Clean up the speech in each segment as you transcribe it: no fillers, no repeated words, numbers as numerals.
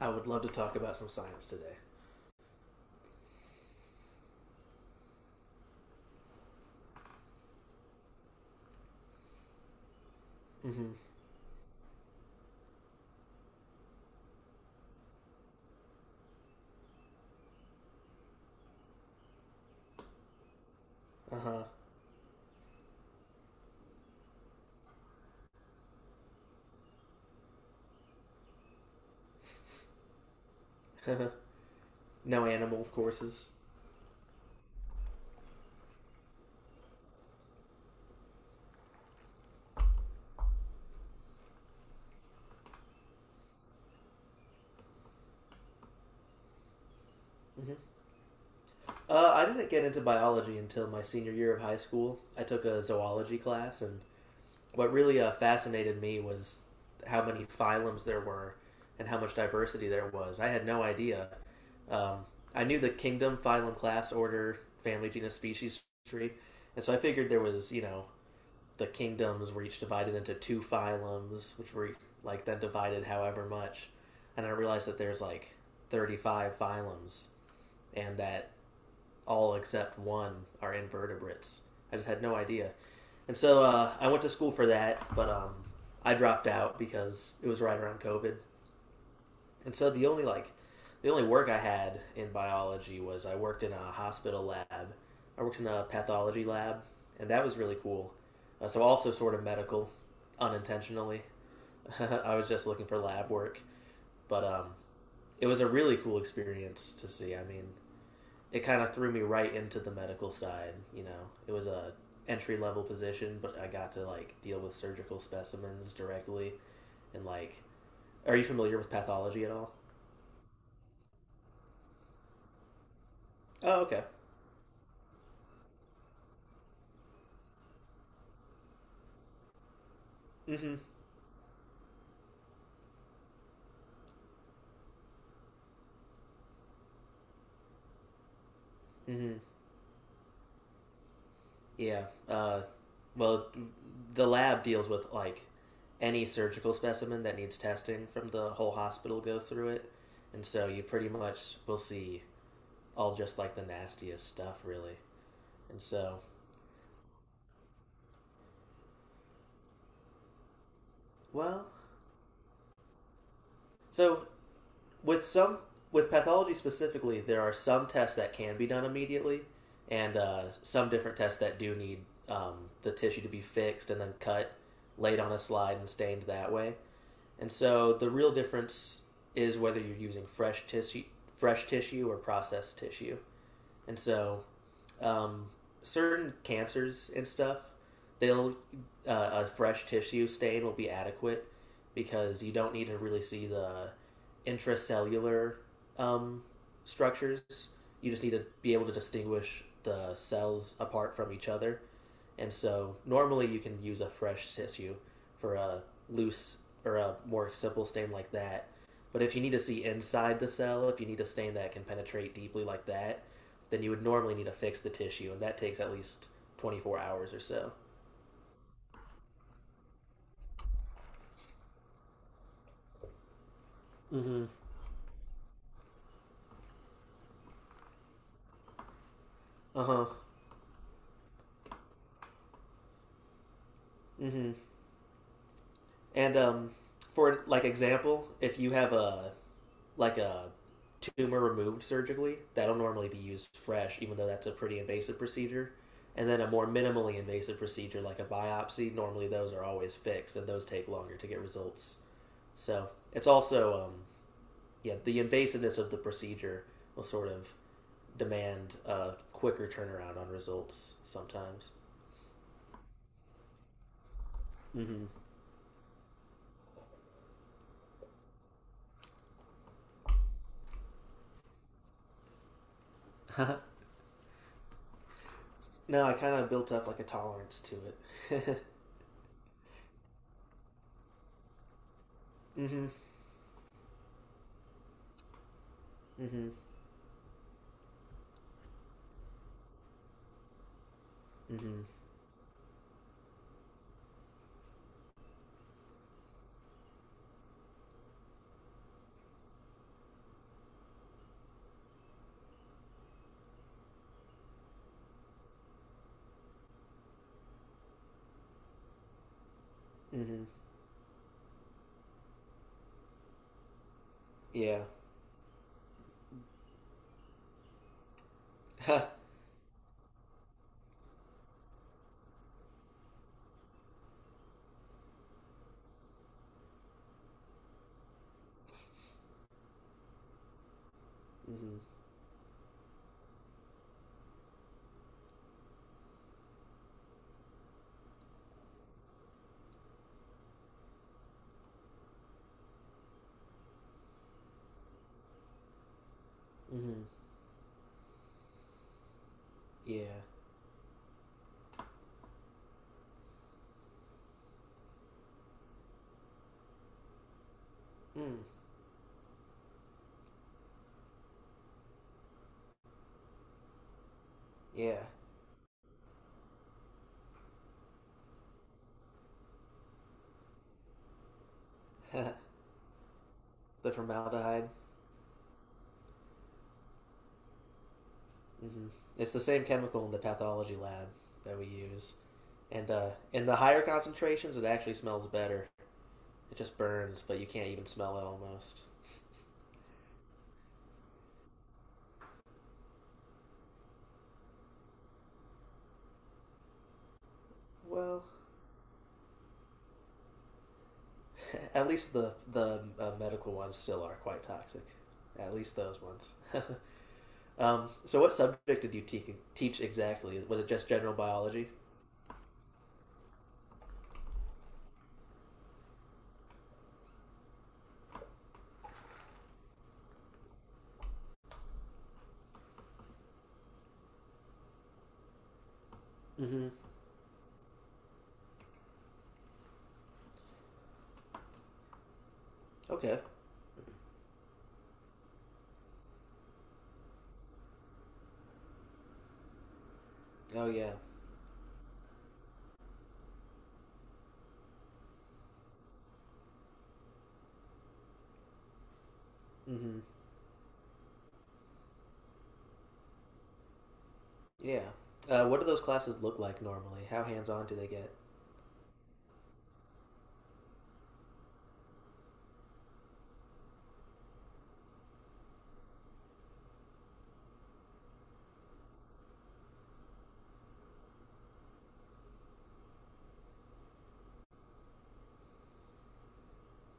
I would love to talk about some science today. Mm-hmm. Uh huh. No animal courses. Mm-hmm. I didn't get into biology until my senior year of high school. I took a zoology class, and what really fascinated me was how many phylums there were and how much diversity there was. I had no idea. Um, I knew the kingdom, phylum, class, order, family, genus, species tree, and so I figured there was, you know, the kingdoms were each divided into two phylums, which were like then divided however much. And I realized that there's like 35 phylums, and that all except one are invertebrates. I just had no idea. And so I went to school for that, but I dropped out because it was right around COVID. And so the only work I had in biology was I worked in a hospital lab. I worked in a pathology lab, and that was really cool. So also sort of medical, unintentionally. I was just looking for lab work, but it was a really cool experience to see. I mean, it kind of threw me right into the medical side. You know, it was a entry level position, but I got to like deal with surgical specimens directly. And like, are you familiar with pathology at all? Oh, okay. Mm-hmm. Mm-hmm. Yeah. Uh, well, the lab deals with like any surgical specimen that needs testing from the whole hospital goes through it, and so you pretty much will see all just like the nastiest stuff, really. And well, so with some with pathology specifically, there are some tests that can be done immediately, and some different tests that do need um, the tissue to be fixed and then cut, laid on a slide and stained that way. And so the real difference is whether you're using fresh tissue or processed tissue. And so um, certain cancers and stuff, they'll a fresh tissue stain will be adequate because you don't need to really see the intracellular um, structures. You just need to be able to distinguish the cells apart from each other. And so normally you can use a fresh tissue for a loose or a more simple stain like that. But if you need to see inside the cell, if you need a stain that can penetrate deeply like that, then you would normally need to fix the tissue, and that takes at least 24 hours or so. Mm-hmm. Uh huh. Mm hmm. And For like example, if you have a like a tumor removed surgically. That'll normally be used fresh, even though that's a pretty invasive procedure. And then a more minimally invasive procedure like a biopsy, normally those are always fixed and those take longer to get results. So it's also, yeah, the invasiveness of the procedure will sort of demand a quicker turnaround on results sometimes. Mm-hmm. No, I kind of built up like a tolerance to it. Mm-hmm. Mm-hmm. Mm-hmm. Mm-hmm. Yeah. Mm-hmm. Mm-hmm. Yeah. Mm. Yeah. The formaldehyde. Hmm. It's the same chemical in the pathology lab that we use. And in the higher concentrations, it actually smells better. It just burns, but you can't even smell it almost. Well, at least the medical ones still are quite toxic. At least those ones. So, what subject did teach exactly? Was it just general biology? Mm-hmm. Okay. Oh yeah. Hmm. Yeah. What do those classes look like normally? How hands on do they get?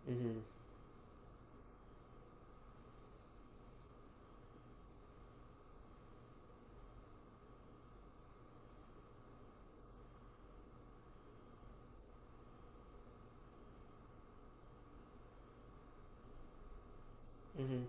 Mm hmm. Mm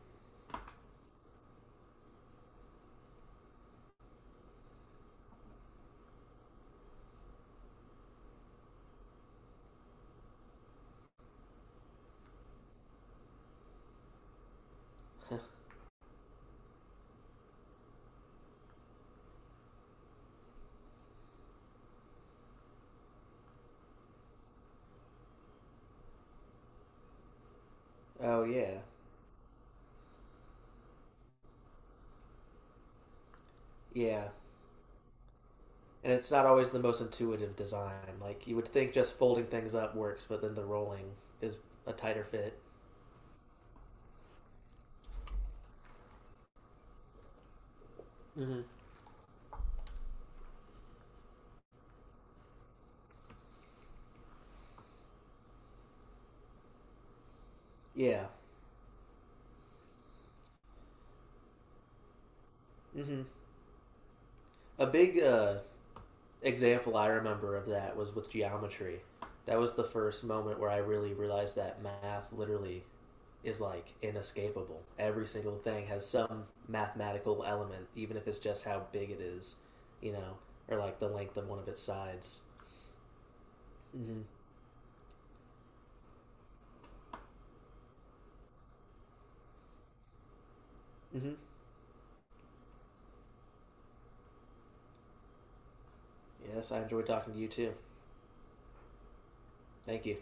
hmm. Oh, yeah. Yeah. And it's not always the most intuitive design. Like, you would think just folding things up works, but then the rolling is a tighter fit. Mm hmm. Yeah. Mm-hmm. A big example I remember of that was with geometry. That was the first moment where I really realized that math literally is like inescapable. Every single thing has some mathematical element, even if it's just how big it is, you know, or like the length of one of its sides. Mm-hmm. Mm-hmm. Yes, I enjoyed talking to you too. Thank you.